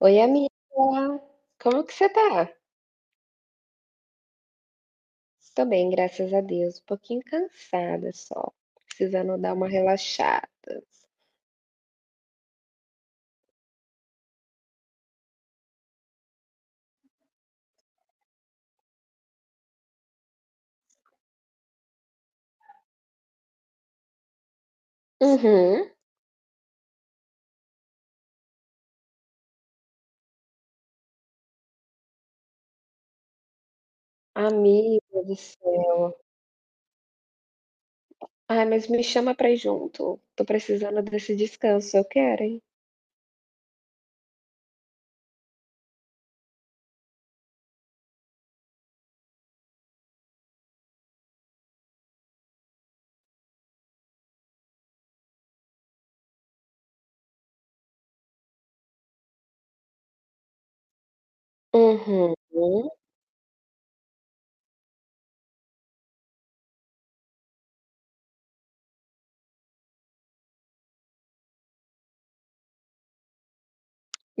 Oi, amiga. Como que você tá? Tô bem, graças a Deus. Um pouquinho cansada só. Precisando dar uma relaxada. Uhum. Amiga do céu. Ai, mas me chama pra ir junto. Tô precisando desse descanso. Eu quero, hein? Uhum.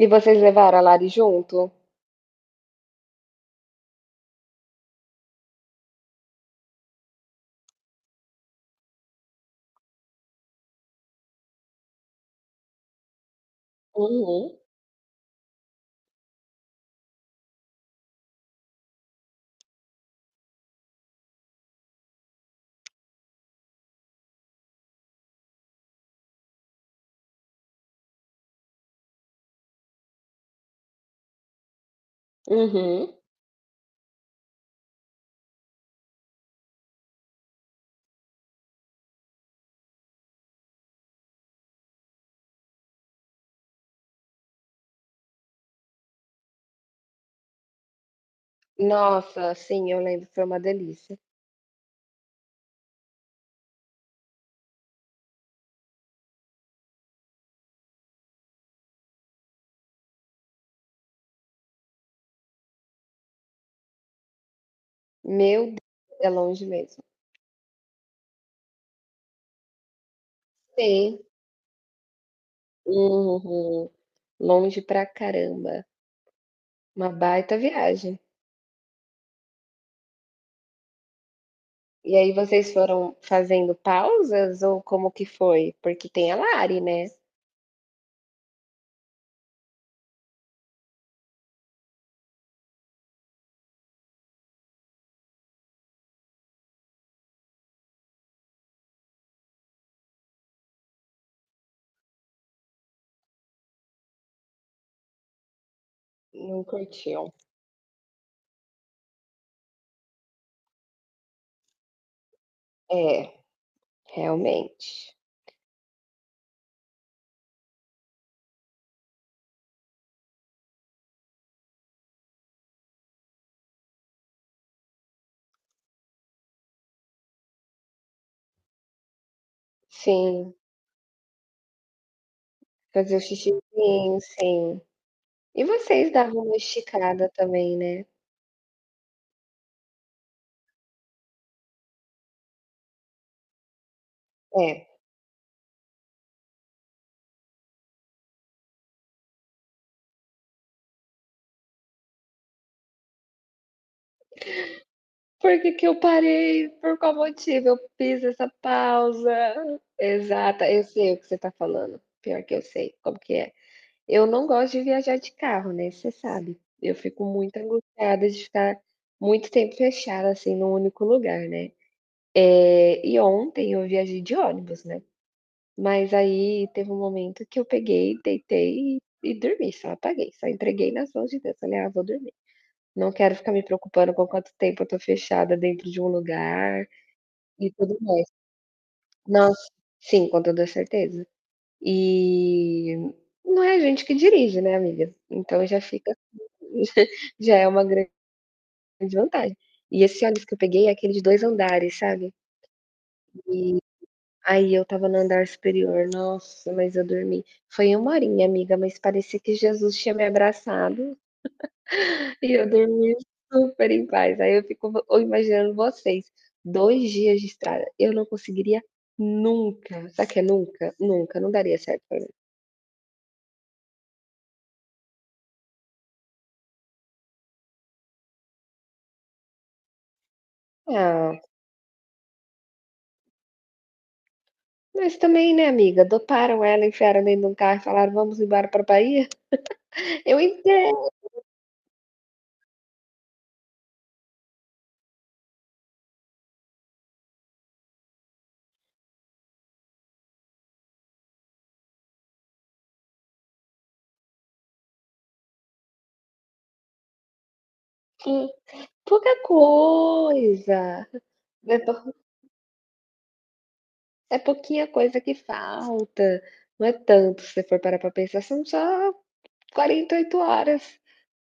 E vocês levaram a Lari junto? Uhum. Uhum. Nossa, sim, eu lembro. Foi uma delícia. Meu Deus, é longe mesmo. Sim. Uhum. Longe pra caramba. Uma baita viagem. E aí vocês foram fazendo pausas ou como que foi? Porque tem a Lari, né? Não curtiam. É, realmente. Sim, fazer o xixizinho, sim. E vocês davam uma esticada também, né? É. Por que que eu parei? Por qual motivo eu fiz essa pausa? Exata, eu sei o que você tá falando. Pior que eu sei como que é. Eu não gosto de viajar de carro, né, você sabe. Eu fico muito angustiada de ficar muito tempo fechada, assim, num único lugar, né. E ontem eu viajei de ônibus, né, mas aí teve um momento que eu peguei, deitei e dormi, só apaguei, só entreguei nas mãos de Deus, falei: "Ah, vou dormir. Não quero ficar me preocupando com quanto tempo eu tô fechada dentro de um lugar e tudo mais". Nossa, sim, com toda certeza. E não é a gente que dirige, né, amiga, então já fica, já é uma grande vantagem. E esse ônibus que eu peguei é aquele de 2 andares, sabe? Aí eu tava no andar superior, nossa, mas eu dormi. Foi uma horinha, amiga, mas parecia que Jesus tinha me abraçado e eu dormi super em paz. Aí eu fico imaginando vocês, 2 dias de estrada, eu não conseguiria nunca. Sabe o que é nunca? Nunca, não daria certo pra mim. Ah, mas também, né, amiga? Doparam ela, enfiaram dentro de um carro e falaram, vamos embora pra Bahia? Eu entendo. Pouca coisa, é pou é pouquinha coisa que falta, não é tanto se você for parar pra pensar, são só 48 horas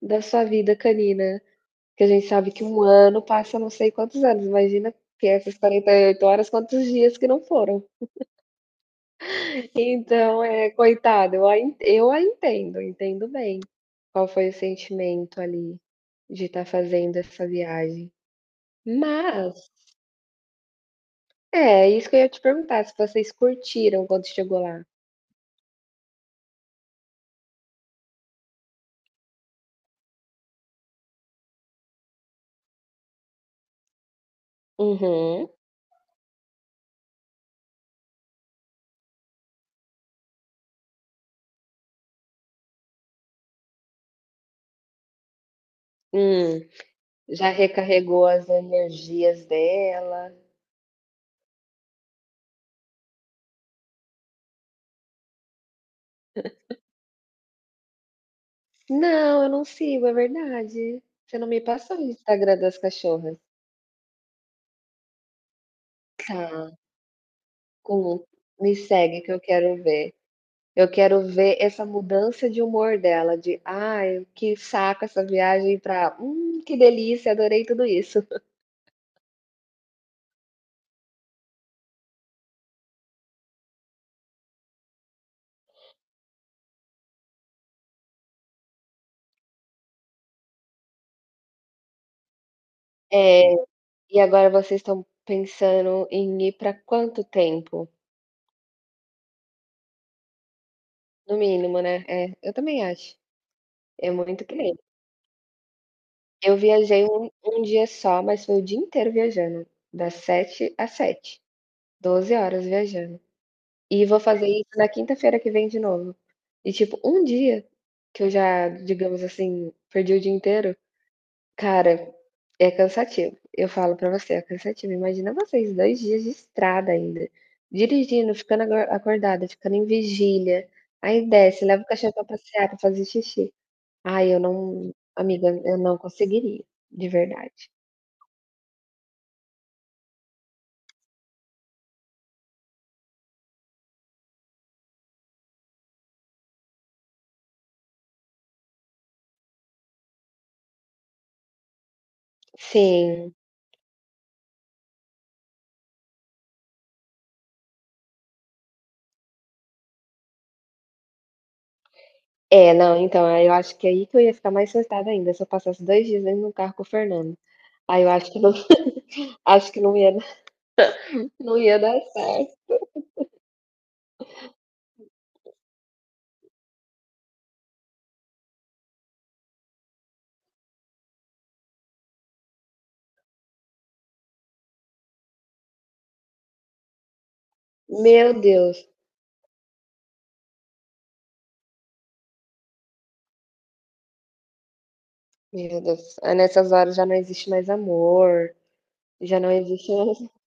da sua vida canina, que a gente sabe que um ano passa não sei quantos anos, imagina que essas 48 horas quantos dias que não foram. Então, é coitado, eu a entendo, entendo bem qual foi o sentimento ali de estar fazendo essa viagem, mas é isso que eu ia te perguntar, se vocês curtiram quando chegou lá. Uhum. Hum. Já recarregou as energias dela? Não, eu não sigo, é verdade. Você não me passou o Instagram das cachorras. Tá, com, me segue que eu quero ver. Eu quero ver essa mudança de humor dela, de "Ai, que saco essa viagem", pra que delícia, adorei tudo isso". É, e agora vocês estão pensando em ir pra quanto tempo? No mínimo, né. É, eu também acho. É muito que nem eu viajei um dia só, mas foi o dia inteiro viajando, das 7 às 7, 12 horas viajando. E vou fazer isso na quinta-feira que vem de novo. E, tipo, um dia que eu já, digamos assim, perdi o dia inteiro, cara, é cansativo. Eu falo pra você, é cansativo. Imagina vocês 2 dias de estrada ainda, dirigindo, ficando ago acordada, ficando em vigília, aí desce, leva o cachorro pra passear, pra fazer xixi. Ai, eu não, amiga, eu não conseguiria, de verdade. Sim. É, não, então, aí eu acho que é aí que eu ia ficar mais surtada ainda, se eu passasse 2 dias dentro de um carro com o Fernando. Aí eu acho que não, acho que não ia dar, não ia dar certo. Meu Deus, meu Deus. Aí nessas horas já não existe mais amor, já não existe mais,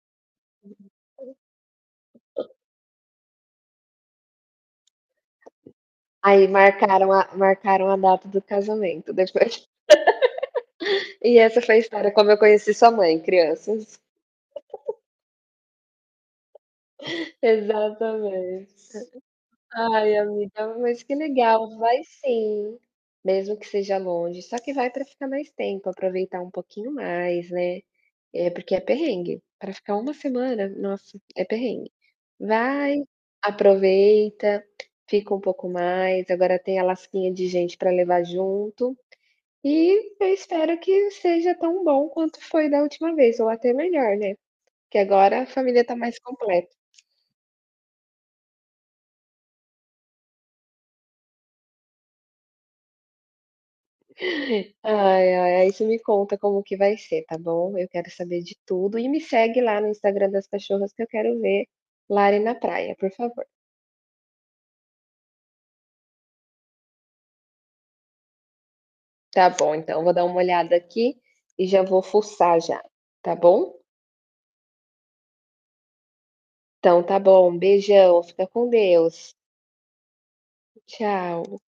aí marcaram a data do casamento depois. E essa foi a história como eu conheci sua mãe, crianças. Exatamente. Ai, amiga, mas que legal. Vai, sim, mesmo que seja longe, só que vai para ficar mais tempo, aproveitar um pouquinho mais, né. É, porque é perrengue, para ficar uma semana, nossa, é perrengue. Vai, aproveita, fica um pouco mais, agora tem a lasquinha de gente para levar junto, e eu espero que seja tão bom quanto foi da última vez, ou até melhor, né, que agora a família tá mais completa. Ai, ai, aí você me conta como que vai ser, tá bom? Eu quero saber de tudo e me segue lá no Instagram das cachorras que eu quero ver Lari na praia, por favor. Tá bom, então vou dar uma olhada aqui e já vou fuçar já, tá bom? Então tá bom, beijão, fica com Deus. Tchau.